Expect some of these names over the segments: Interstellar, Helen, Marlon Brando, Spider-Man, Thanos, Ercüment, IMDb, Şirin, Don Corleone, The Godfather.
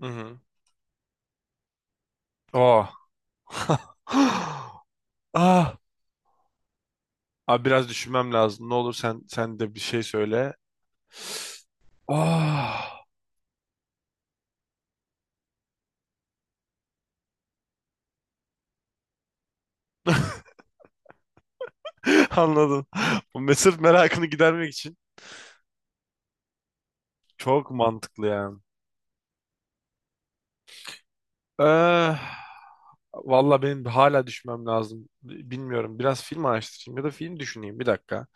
Hı hı. Oh. Ah. Abi biraz düşünmem lazım. Ne olur sen de bir şey söyle. Ah. Anladım. Bu merakını gidermek için. Çok mantıklı yani. Eh, Valla benim hala düşünmem lazım. Bilmiyorum. Biraz film araştırayım ya da film düşüneyim. Bir dakika.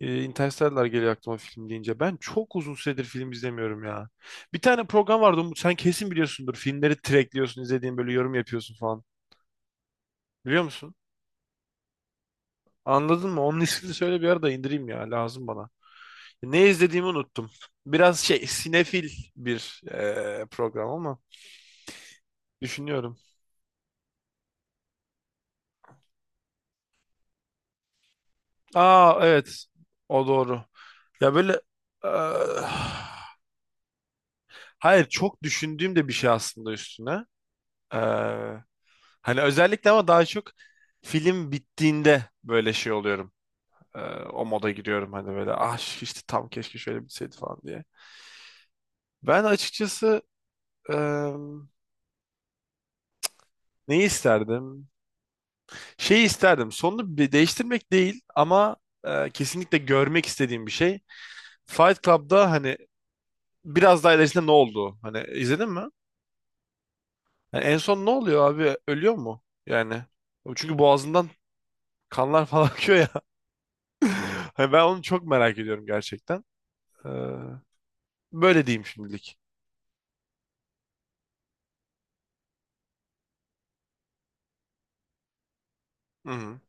Interstellar geliyor aklıma film deyince. Ben çok uzun süredir film izlemiyorum ya. Bir tane program vardı Umut. Sen kesin biliyorsundur. Filmleri trackliyorsun, izlediğin böyle yorum yapıyorsun falan. Biliyor musun? Anladın mı? Onun ismini söyle bir ara da indireyim ya. Lazım bana. Ne izlediğimi unuttum. Biraz şey sinefil bir program ama düşünüyorum. Aa evet. O doğru. Ya böyle eee, hayır çok düşündüğüm de bir şey aslında üstüne. Eee, Hani özellikle ama daha çok film bittiğinde böyle şey oluyorum. Eee, O moda giriyorum hani böyle ah işte tam keşke şöyle bitseydi falan diye. Ben açıkçası eee, neyi isterdim? Şeyi isterdim. Sonunu bir değiştirmek değil ama kesinlikle görmek istediğim bir şey. Fight Club'da hani biraz daha ilerisinde ne oldu? Hani izledin mi? Yani en son ne oluyor abi? Ölüyor mu? Yani çünkü boğazından kanlar falan akıyor ya. Hani ben onu çok merak ediyorum gerçekten. Ee, Böyle diyeyim şimdilik. Hı hı.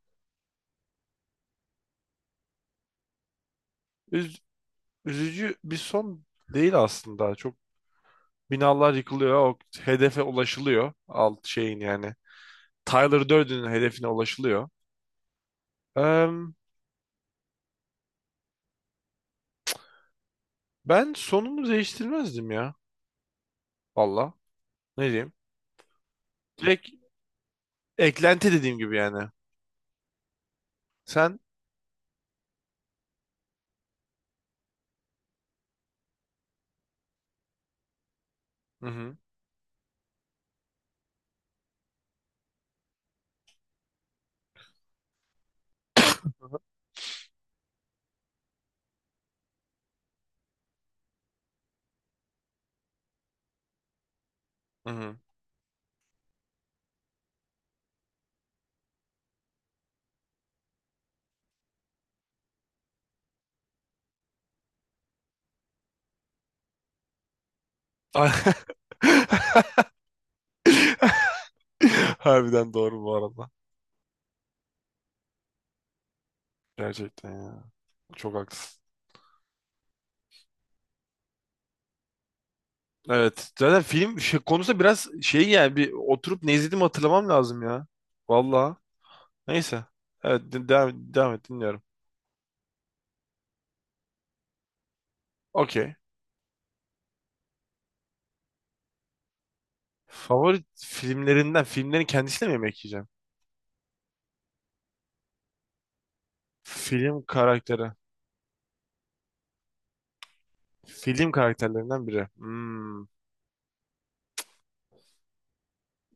Üz- Üzücü bir son değil aslında. Çok binalar yıkılıyor. O hedefe ulaşılıyor. Alt şeyin yani. Tyler Durden'in hedefine ulaşılıyor. Em, Ben sonunu değiştirmezdim ya. Valla. Ne diyeyim? Direkt eklenti dediğim gibi yani. Sen? Hı hı. Hı hı. Harbiden doğru bu arada. Gerçekten ya. Çok haklısın. Evet. Zaten film şey, konusu biraz şey yani bir oturup ne izlediğimi hatırlamam lazım ya. Valla. Neyse. Evet devam, devam et dinliyorum. Okey. Favori filmlerinden filmlerin kendisiyle mi yemek yiyeceğim? Film karakteri. Film karakterlerinden biri. Hmm.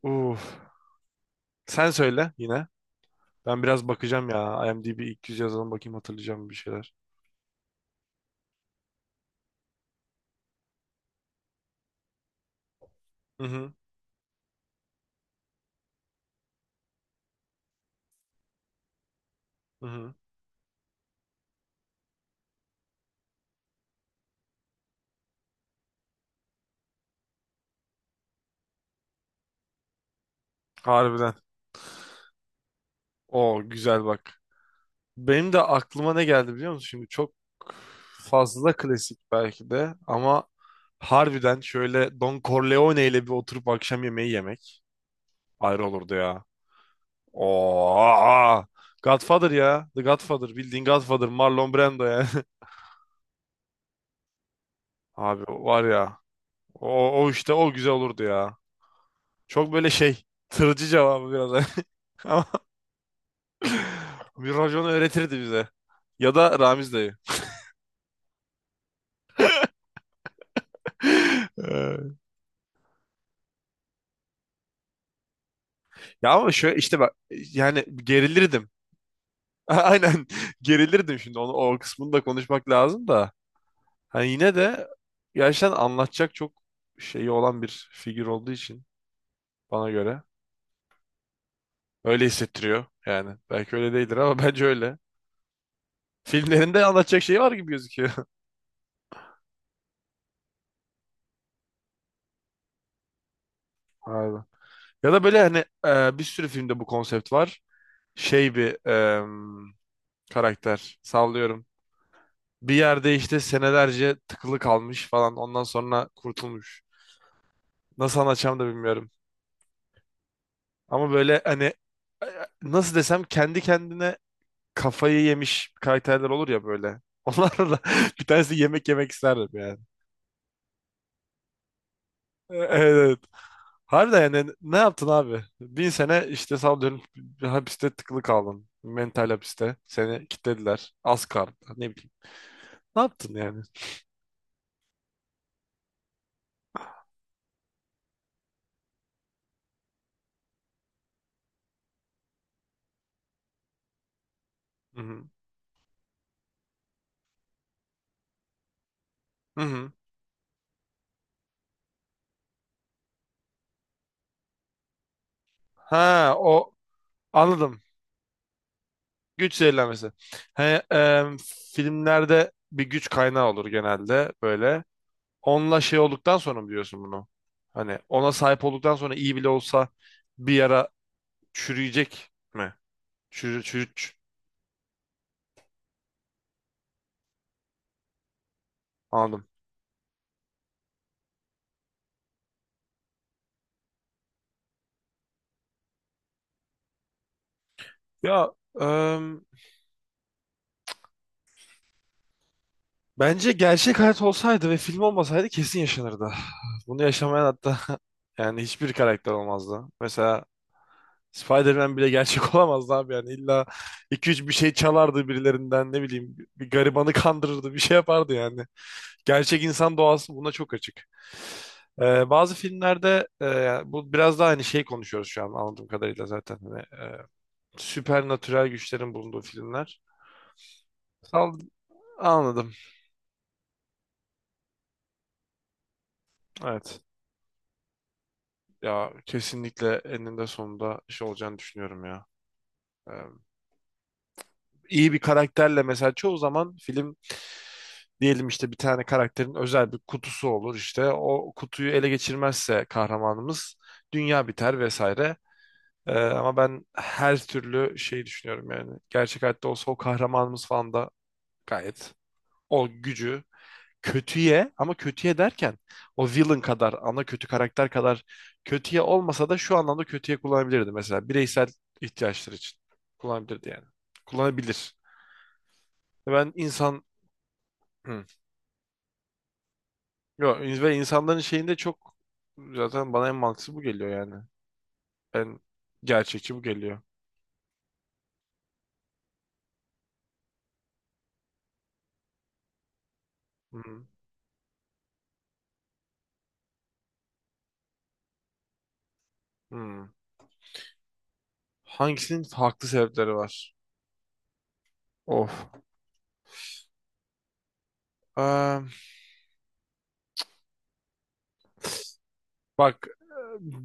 Uf. Sen söyle yine. Ben biraz bakacağım ya. IMDb ilk yüz yazalım bakayım hatırlayacağım bir şeyler. Hı hı. Hı hı. Harbiden. O güzel bak. Benim de aklıma ne geldi biliyor musun? Şimdi çok fazla klasik belki de ama harbiden şöyle Don Corleone ile bir oturup akşam yemeği yemek ayrı olurdu ya. Oo. Godfather ya. The Godfather. Bildiğin Godfather. Marlon Brando yani. Abi var ya. O işte o güzel olurdu ya. Çok böyle şey tırcı cevabı biraz. Ama bir racon öğretirdi bize. Ya da Ramiz dayı. Ee, Ya ama şöyle işte bak yani gerilirdim. Aynen gerilirdim şimdi onu o kısmını da konuşmak lazım da. Hani yine de gerçekten anlatacak çok şeyi olan bir figür olduğu için bana göre öyle hissettiriyor yani. Belki öyle değildir ama bence öyle. Filmlerinde anlatacak şey var gibi gözüküyor. Abi. Ya da böyle hani bir sürü filmde bu konsept var. Şey bir karakter sallıyorum. Bir yerde işte senelerce tıkılı kalmış falan ondan sonra kurtulmuş. Nasıl anlatacağımı da bilmiyorum. Ama böyle hani e, nasıl desem kendi kendine kafayı yemiş karakterler olur ya böyle. Onlarla da bir tanesi yemek yemek isterdim yani. Evet, evet. Harbiden yani ne yaptın abi? Bin sene işte sallıyorum bir hapiste tıkılı kaldın. Mental hapiste. Seni kilitlediler. Az kaldı. Ne bileyim. Ne yaptın yani? Hı hı. Hı hı. Ha o anladım. Güç zehirlenmesi. He, e, Filmlerde bir güç kaynağı olur genelde böyle. Onunla şey olduktan sonra mı diyorsun bunu? Hani ona sahip olduktan sonra iyi bile olsa bir yara çürüyecek mi? Çürü, çürü, çü- Anladım. Ya e, bence gerçek hayat olsaydı ve film olmasaydı kesin yaşanırdı. Bunu yaşamayan hatta yani hiçbir karakter olmazdı. Mesela Spider-Man bile gerçek olamazdı abi yani illa iki üç bir şey çalardı birilerinden ne bileyim bir garibanı kandırırdı bir şey yapardı yani. Gerçek insan doğası buna çok açık. Bazı filmlerde yani bu biraz daha hani şey konuşuyoruz şu an anladığım kadarıyla zaten hani, süpernatürel güçlerin bulunduğu filmler. Sal- Anladım. Evet. Ya kesinlikle eninde sonunda şey olacağını düşünüyorum ya. Ee, iyi bir karakterle mesela çoğu zaman film diyelim işte bir tane karakterin özel bir kutusu olur işte o kutuyu ele geçirmezse kahramanımız dünya biter vesaire. Ama ben her türlü şeyi düşünüyorum yani. Gerçek hayatta olsa o kahramanımız falan da gayet o gücü kötüye ama kötüye derken o villain kadar ana kötü karakter kadar kötüye olmasa da şu anlamda kötüye kullanabilirdi mesela bireysel ihtiyaçları için kullanabilirdi yani. Kullanabilir. Ben insan. Hı. Yo, ve insanların şeyinde çok zaten bana en mantıklı bu geliyor yani. En gerçekçi bu geliyor. Hı. Hı. Hangisinin farklı sebepleri var? Of. Eee, Bak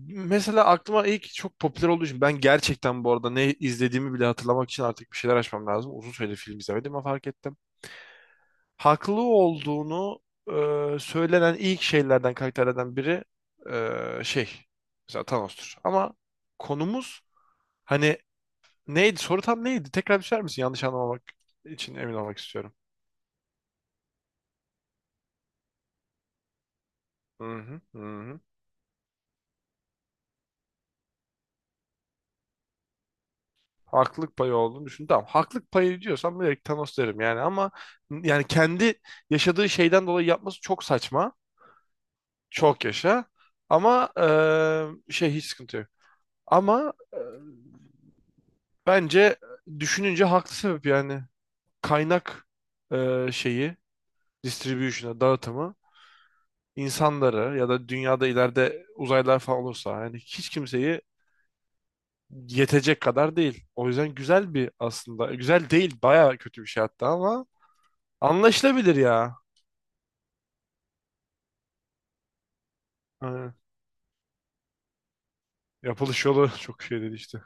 mesela aklıma ilk çok popüler olduğu için ben gerçekten bu arada ne izlediğimi bile hatırlamak için artık bir şeyler açmam lazım. Uzun süredir film izlemedim ama fark ettim. Haklı olduğunu söylenen ilk şeylerden karakterlerden biri şey mesela Thanos'tur. Ama konumuz hani neydi, soru tam neydi? Tekrar düşer misin? Yanlış anlamamak için emin olmak istiyorum. Hı hı, hı hı. Haklılık payı olduğunu düşün. Tamam haklılık payı diyorsam direkt Thanos derim yani ama yani kendi yaşadığı şeyden dolayı yapması çok saçma. Çok yaşa. Ama şey hiç sıkıntı yok. Ama bence düşününce haklı sebep yani. Kaynak şeyi, distribution'a, dağıtımı insanları ya da dünyada ileride uzaylılar falan olursa yani hiç kimseyi yetecek kadar değil. O yüzden güzel bir aslında. Güzel değil, bayağı kötü bir şey hatta ama anlaşılabilir ya. Aynen. Yapılış yolu çok şey dedi işte.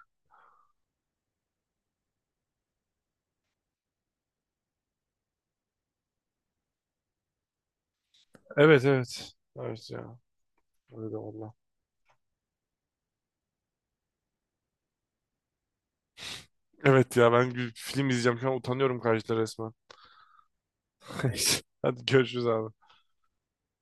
Evet, evet. Evet ya. Öyle de valla. Evet ya ben film izleyeceğim. Şu an utanıyorum karşıda resmen. Hadi görüşürüz abi.